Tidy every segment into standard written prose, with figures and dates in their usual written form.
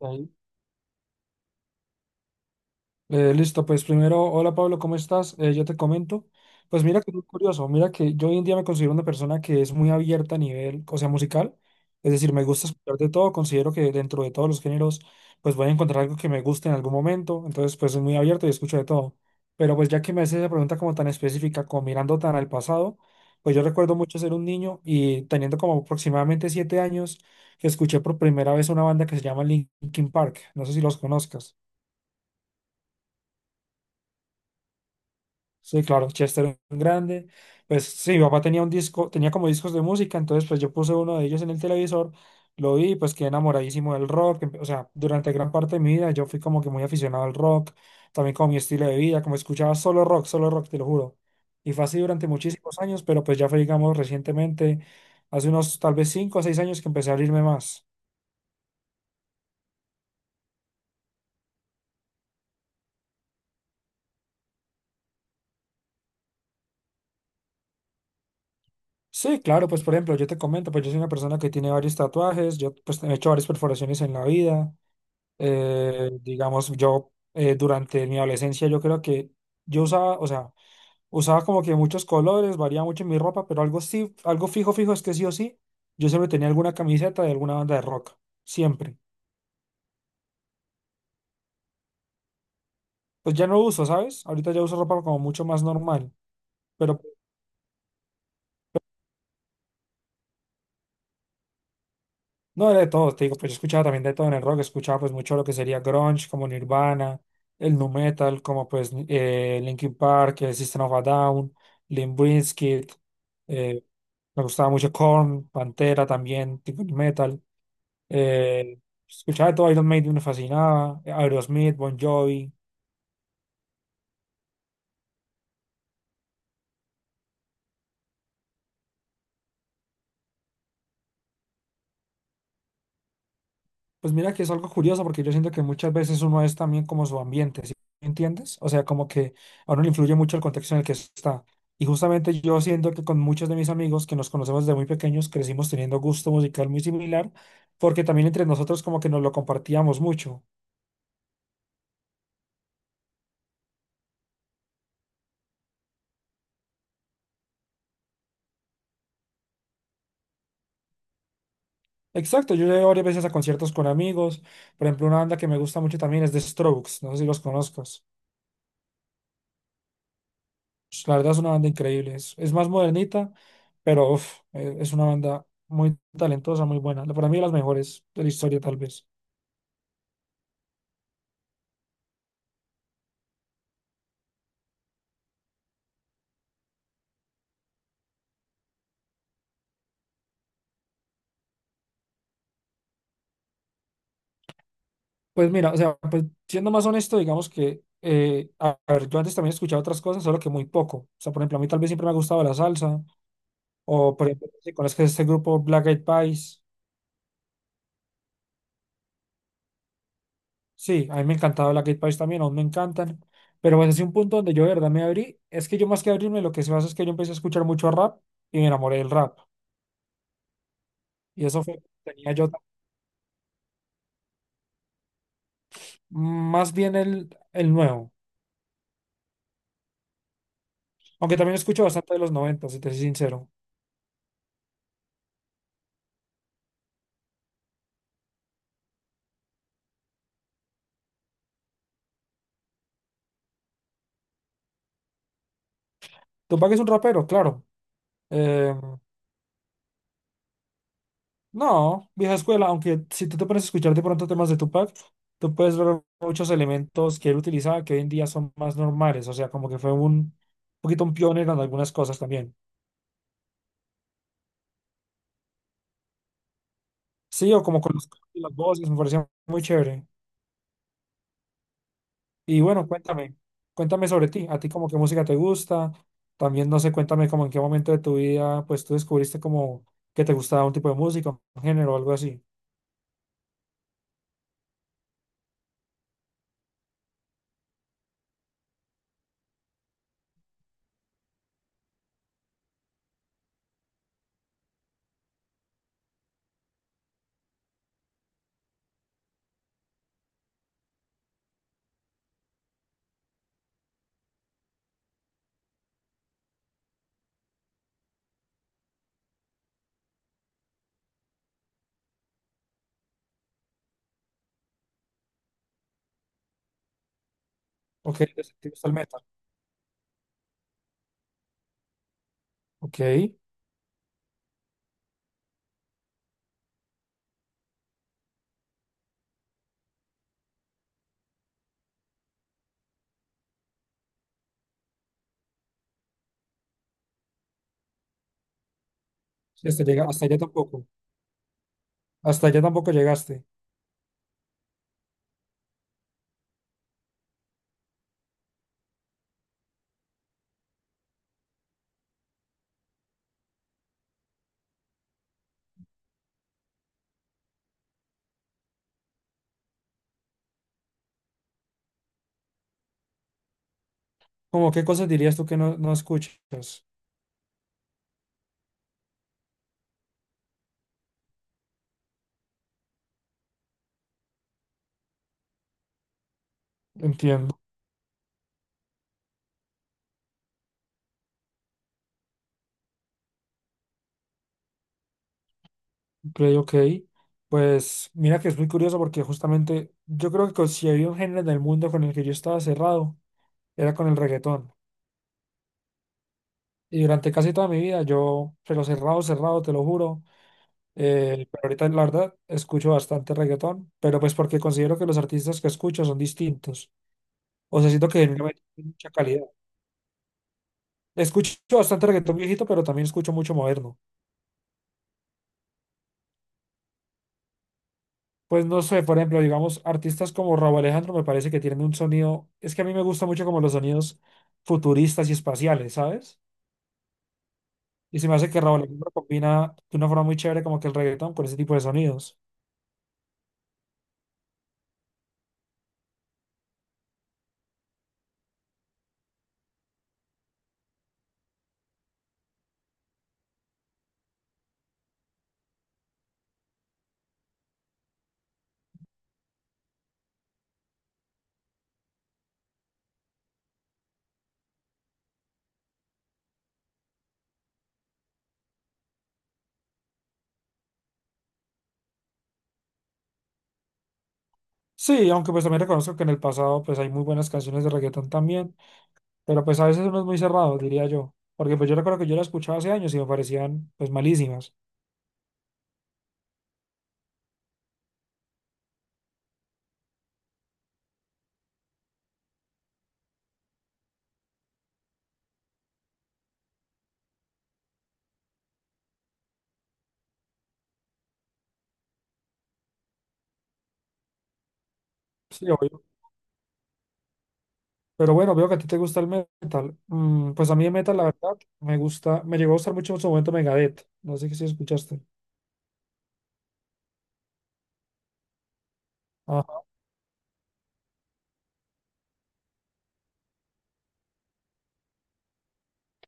Ahí. Listo, pues primero, hola Pablo, ¿cómo estás? Yo te comento. Pues mira que es muy curioso, mira que yo hoy en día me considero una persona que es muy abierta a nivel, o sea, musical. Es decir, me gusta escuchar de todo, considero que dentro de todos los géneros, pues voy a encontrar algo que me guste en algún momento. Entonces, pues soy muy abierto y escucho de todo. Pero pues ya que me haces esa pregunta como tan específica, como mirando tan al pasado, pues yo recuerdo mucho ser un niño y teniendo como aproximadamente 7 años, que escuché por primera vez una banda que se llama Linkin Park. No sé si los conozcas. Sí, claro, Chester era un grande. Pues sí, mi papá tenía un disco, tenía como discos de música, entonces pues yo puse uno de ellos en el televisor, lo vi, y pues quedé enamoradísimo del rock. O sea, durante gran parte de mi vida yo fui como que muy aficionado al rock, también como mi estilo de vida, como escuchaba solo rock, te lo juro. Y fue así durante muchísimos años, pero pues ya fue, digamos, recientemente, hace unos tal vez 5 o 6 años que empecé a abrirme más. Sí, claro, pues por ejemplo, yo te comento, pues yo soy una persona que tiene varios tatuajes, yo pues he hecho varias perforaciones en la vida. Digamos, yo durante mi adolescencia yo creo que yo usaba, o sea, usaba como que muchos colores, variaba mucho mi ropa, pero algo sí, algo fijo, fijo es que sí o sí, yo siempre tenía alguna camiseta de alguna banda de rock, siempre. Pues ya no uso, ¿sabes? Ahorita ya uso ropa como mucho más normal, pero no, de todo, te digo, pues yo escuchaba también de todo en el rock, escuchaba pues mucho lo que sería grunge, como Nirvana, el nu metal, como pues Linkin Park, System of a Down, Limp Bizkit, eh, me gustaba mucho Korn, Pantera también, tipo nu metal, eh, escuchaba de todo, Iron Maiden me fascinaba, Aerosmith, Bon Jovi. Pues mira que es algo curioso porque yo siento que muchas veces uno es también como su ambiente, ¿sí me entiendes? O sea, como que a uno le influye mucho el contexto en el que está. Y justamente yo siento que con muchos de mis amigos que nos conocemos desde muy pequeños crecimos teniendo gusto musical muy similar porque también entre nosotros como que nos lo compartíamos mucho. Exacto, yo he ido varias veces a conciertos con amigos. Por ejemplo, una banda que me gusta mucho también es The Strokes, no sé si los conozcas. Pues la verdad es una banda increíble. Es más modernita, pero uf, es una banda muy talentosa, muy buena. Para mí, de las mejores de la historia, tal vez. Pues mira, o sea, pues siendo más honesto, digamos que, a ver, yo antes también escuchaba otras cosas, solo que muy poco. O sea, por ejemplo, a mí tal vez siempre me ha gustado la salsa, o por ejemplo, si conoces este grupo Black Eyed Peas. Sí, a mí me encantaba Black Eyed Peas también, aún me encantan. Pero bueno, es un punto donde yo de verdad me abrí. Es que yo más que abrirme, lo que se hace es que yo empecé a escuchar mucho rap y me enamoré del rap. Y eso fue, tenía yo. Más bien el nuevo. Aunque también escucho bastante de los 90, si te soy sincero. Tupac es un rapero, claro. Eh, no, vieja escuela, aunque si tú te pones a escuchar de pronto temas de Tupac, tú puedes ver muchos elementos que él utilizaba que hoy en día son más normales. O sea, como que fue un poquito un pionero en algunas cosas también. Sí, o como con las voces, me parecía muy chévere. Y bueno, cuéntame, cuéntame sobre ti, a ti como qué música te gusta, también no sé, cuéntame como en qué momento de tu vida pues tú descubriste como que te gustaba un tipo de música, un género o algo así. Ok, entonces, ¿te gusta el metal? Ok, sí, hasta llega, hasta allá tampoco llegaste. ¿Como qué cosas dirías tú que no, no escuchas? Entiendo, ok, ok. Pues mira que es muy curioso porque justamente yo creo que si había un género en el mundo con el que yo estaba cerrado, era con el reggaetón. Y durante casi toda mi vida yo, pero cerrado, cerrado, te lo juro. Pero ahorita la verdad escucho bastante reggaetón, pero pues porque considero que los artistas que escucho son distintos. O sea, siento que genuinamente tienen mucha calidad. Escucho bastante reggaetón viejito, pero también escucho mucho moderno. Pues no sé, por ejemplo, digamos, artistas como Raúl Alejandro me parece que tienen un sonido, es que a mí me gusta mucho como los sonidos futuristas y espaciales, ¿sabes? Y se me hace que Raúl Alejandro combina de una forma muy chévere como que el reggaetón con ese tipo de sonidos. Sí, aunque pues también reconozco que en el pasado pues hay muy buenas canciones de reggaetón también, pero pues a veces uno es muy cerrado, diría yo, porque pues yo recuerdo que yo la escuchaba hace años y me parecían pues malísimas. Sí, obvio. Pero bueno, veo que a ti te gusta el metal. Pues a mí el metal, la verdad, me gusta, me llegó a gustar mucho en su momento Megadeth. No sé si escuchaste. Ah,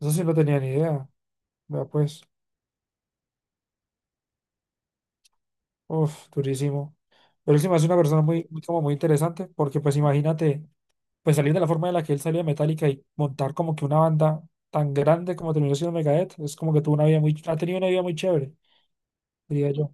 eso sí no tenía ni idea. Vea pues, uf, durísimo. Pero él se me hace una persona muy, muy como muy interesante, porque pues imagínate. Pues salir de la forma en la que él salió de Metallica y montar como que una banda tan grande como terminó siendo Megadeth, es como que tuvo una vida muy, ha tenido una vida muy chévere, diría yo.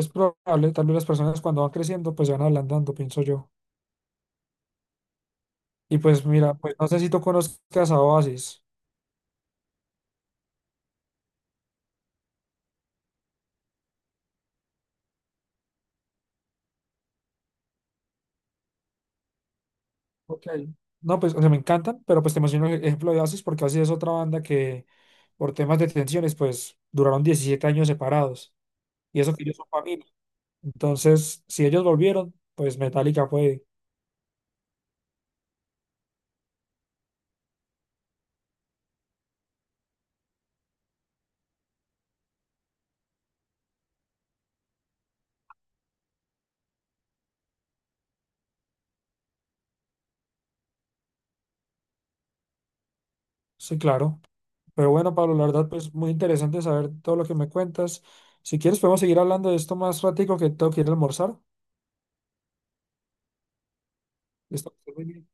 Es probable, tal vez las personas cuando van creciendo pues se van ablandando, pienso yo. Y pues mira, pues no sé si tú conozcas a Oasis. Ok. No, pues o sea, me encantan, pero pues te menciono el ejemplo de Oasis porque Oasis es otra banda que por temas de tensiones pues duraron 17 años separados. Y eso que ellos son familia. Entonces, si ellos volvieron, pues Metallica fue, sí, claro. Pero bueno, Pablo, la verdad, pues muy interesante saber todo lo que me cuentas. Si quieres, podemos seguir hablando de esto más ratico que tengo que ir a almorzar. Está muy bien.